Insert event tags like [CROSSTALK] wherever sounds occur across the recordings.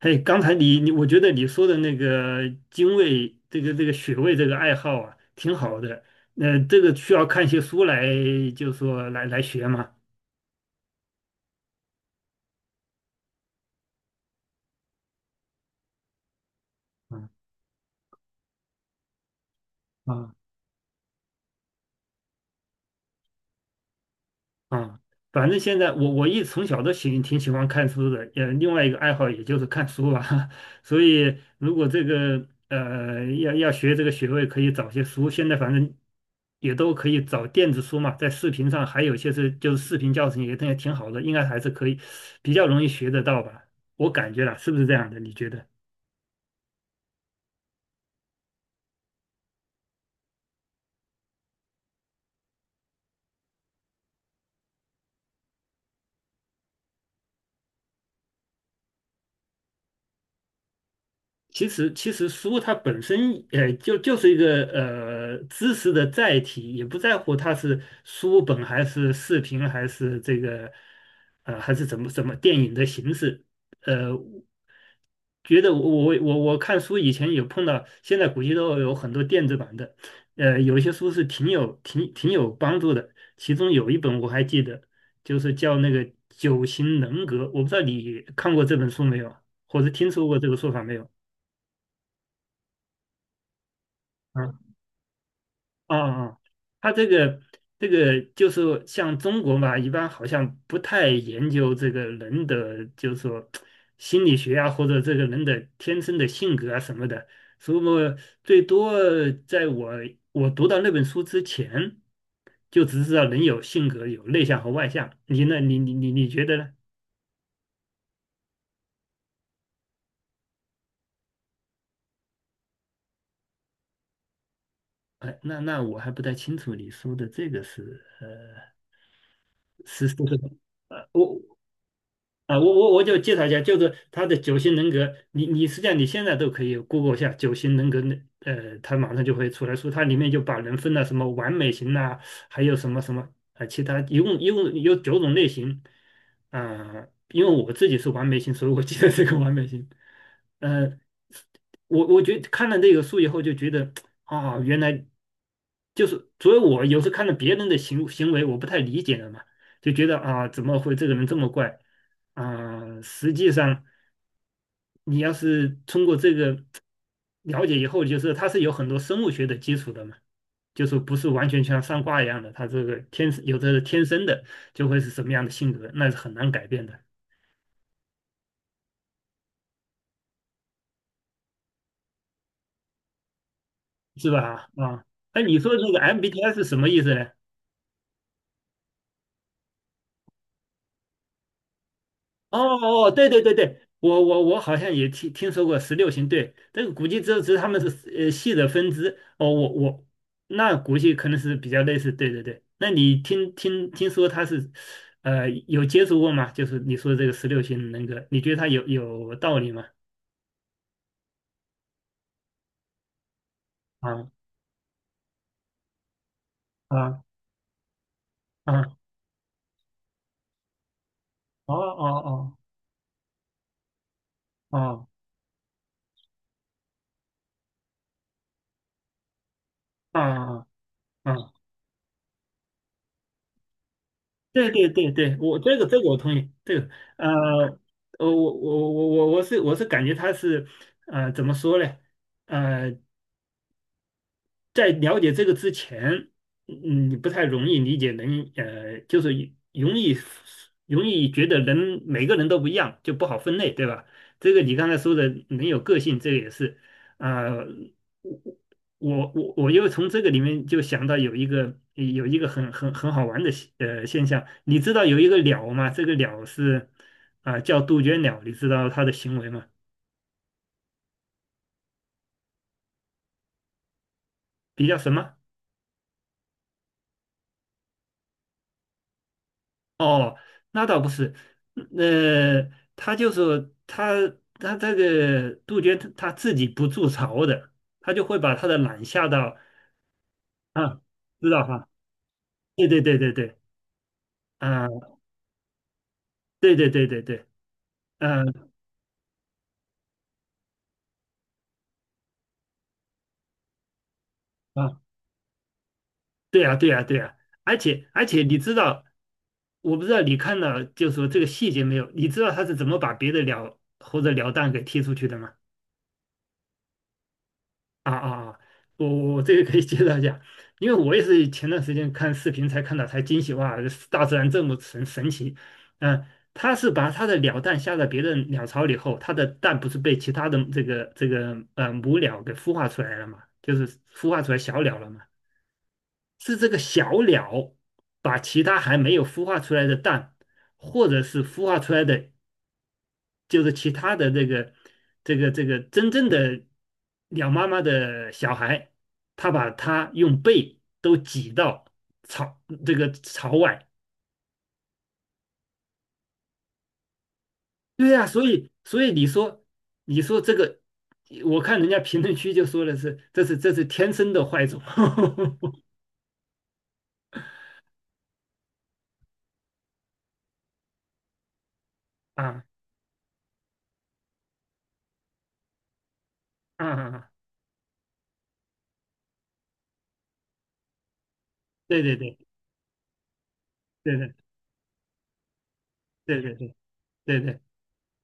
嘿，刚才你，我觉得你说的那个精卫，这个穴位这个爱好啊，挺好的。那、这个需要看一些书来，就说来学嘛。啊啊。啊，反正现在我一从小都挺喜欢看书的，也另外一个爱好也就是看书吧。[LAUGHS] 所以如果这个要学这个学位，可以找些书。现在反正也都可以找电子书嘛，在视频上还有一些就是视频教程也挺好的，应该还是可以比较容易学得到吧。我感觉啦，是不是这样的？你觉得？其实，书它本身，就是一个知识的载体，也不在乎它是书本还是视频还是这个，还是怎么电影的形式。呃，觉得我我看书以前有碰到，现在估计都有很多电子版的，有一些书是挺有帮助的。其中有一本我还记得，就是叫那个《九型人格》，我不知道你看过这本书没有，或者听说过这个说法没有？啊。啊啊，他这个就是像中国嘛，一般好像不太研究这个人的，就是说心理学啊，或者这个人的天生的性格啊什么的。所以我最多在我读到那本书之前，就只知道人有性格，有内向和外向。你呢？你觉得呢？哎，那我还不太清楚你说的这个是是，呃，我我就介绍一下，就是他的九型人格，你实际上你现在都可以 Google 一下九型人格那，他马上就会出来说，它里面就把人分了什么完美型呐、还有什么什么啊，其他一共有九种类型，啊、因为我自己是完美型，所以我记得这个完美型，呃，我觉得看了这个书以后就觉得啊，原来就是，所以我有时看到别人的行为，我不太理解了嘛，就觉得啊，怎么会这个人这么怪？啊、实际上你要是通过这个了解以后，就是它是有很多生物学的基础的嘛，就是不是完全像上卦一样的，它这个天生有的是天生的就会是什么样的性格，那是很难改变的，是吧？啊，那你说这个 MBTI 是什么意思呢？哦哦，哦对对对对，我好像也听说过十六型，对，这个估计只是他们是系的分支。哦，那估计可能是比较类似，对对对。那你听说他是有接触过吗？就是你说这个十六型人格，你觉得他有道理吗？啊啊啊！哦哦哦哦哦哦！啊对对对对，我这个我同意，呃，我是感觉他是怎么说呢？呃在了解这个之前，你不太容易理解人，就是容易容易觉得人每个人都不一样，就不好分类，对吧？这个你刚才说的人有个性，这个也是，啊、我又从这个里面就想到有一个很好玩的现象，你知道有一个鸟吗？这个鸟叫杜鹃鸟，你知道它的行为吗？比较什么？哦，那倒不是，嗯呃，他就是他他这个杜鹃他自己不筑巢的，他就会把他的卵下到啊，知道哈？对对对对对，啊，对对对对对，嗯啊，对呀对呀对呀，而且你知道，我不知道你看到就说这个细节没有？你知道他是怎么把别的鸟或者鸟蛋给踢出去的吗？啊啊啊！我我这个可以介绍一下，因为我也是前段时间看视频才看到，才惊喜哇，大自然这么神奇。嗯、它是把它的鸟蛋下到别的鸟巢里后，它的蛋不是被其他的这个母鸟给孵化出来了嘛，就是孵化出来小鸟了嘛，是这个小鸟把其他还没有孵化出来的蛋，或者是孵化出来的就是其他的这个真正的鸟妈妈的小孩，他把它用背都挤到朝朝外。对呀、所以你说这个，我看人家评论区就说的是这是天生的坏种 [LAUGHS] 啊啊，对对对对对对对对对对。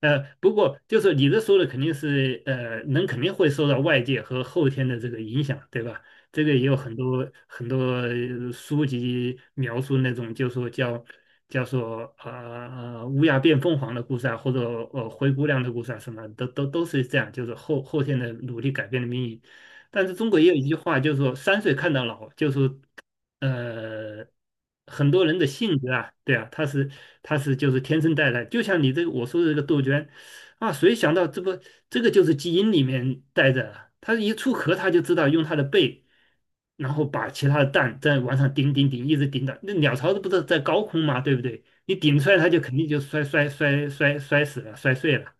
不过就是你这说的肯定是人肯定会受到外界和后天的这个影响，对吧？这个也有很多很多书籍描述那种，就说做乌鸦变凤凰的故事啊，或者灰姑娘的故事啊，什么都是这样，就是后天的努力改变了命运。但是中国也有一句话，就是说三岁看到老，就是呃，很多人的性格啊，对啊，他是就是天生带来，就像你这个我说的这个杜鹃啊，谁想到这不这个就是基因里面带着啊，它一出壳它就知道用它的背，然后把其他的蛋在往上顶顶顶，一直顶到那鸟巢不是在高空嘛，对不对？你顶出来它就肯定就摔摔摔摔摔死了，摔碎了，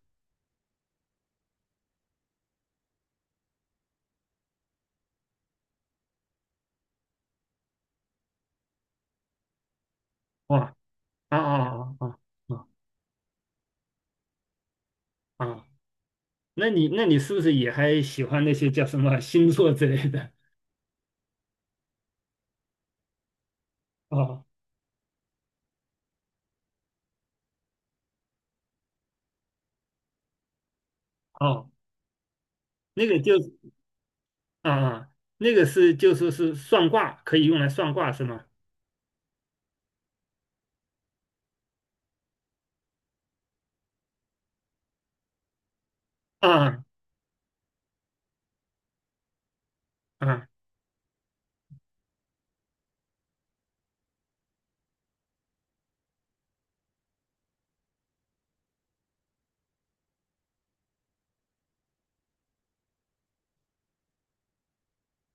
哇啊啊啊啊啊啊！那你是不是也还喜欢那些叫什么星座之类的？[LAUGHS] 哦哦那个就啊啊，那个就说是算卦，可以用来算卦是吗？啊啊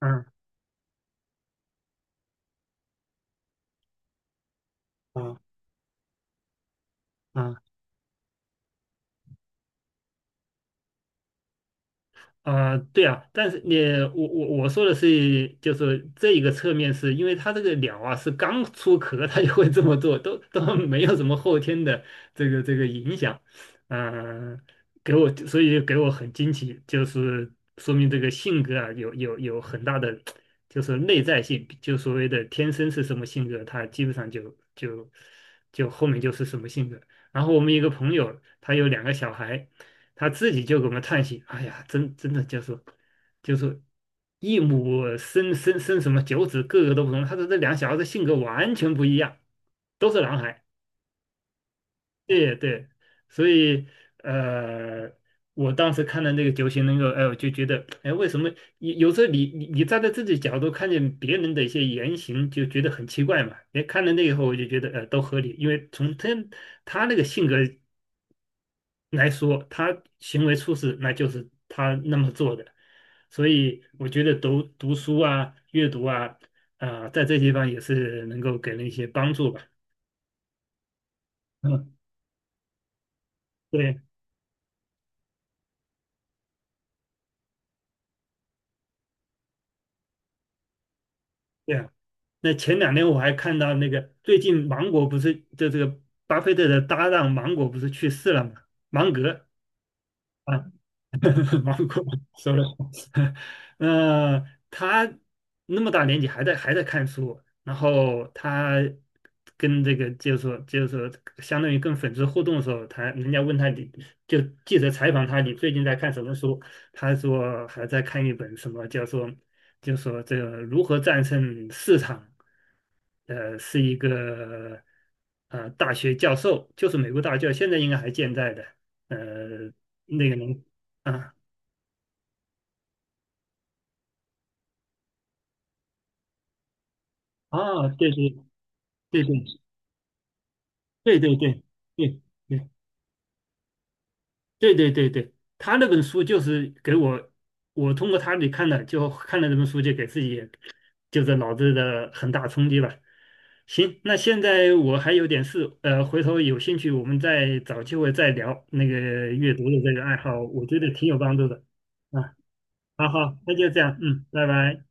啊啊啊！啊、对啊，但是你我我我说的是，就是这一个侧面是，因为它这个鸟啊是刚出壳，它就会这么做，都没有什么后天的这个影响，嗯、所以给我很惊奇，就是说明这个性格啊有很大的就是内在性，就所谓的天生是什么性格，它基本上就就就后面就是什么性格。然后我们一个朋友，他有两个小孩，他自己就给我们叹息："哎呀，真的就是一母生什么九子，个个都不同。"他说这两小孩的性格完全不一样，都是男孩。对对，所以呃，我当时看了那个九型人格，哎，我就觉得，哎，为什么有时候你站在自己角度看见别人的一些言行，就觉得很奇怪嘛？哎，看了那以后，我就觉得都合理，因为从他那个性格来说，他行为出事，那就是他那么做的。所以我觉得读读书啊、阅读啊，啊、在这地方也是能够给人一些帮助吧。嗯，对对啊。那前两天我还看到那个，最近芒果不是就这个巴菲特的搭档芒果不是去世了吗？芒格。啊。[LAUGHS] 芒果 s o r r 那 [LAUGHS] 他那么大年纪还在看书，然后他跟这个就是说，相当于跟粉丝互动的时候，他人家问他你就记者采访他你最近在看什么书，他说还在看一本什么叫做就说这个如何战胜市场，是一个大学教授，就是美国大学教授，现在应该还健在的，呃，那个人。啊，啊，对对对对对对对对对对对对对，他那本书就是给我，我通过他里看的，就看了这本书，就给自己就是脑子的很大冲击吧。行，那现在我还有点事，回头有兴趣我们再找机会再聊那个阅读的这个爱好，我觉得挺有帮助的。啊，好好，那就这样，嗯，拜拜。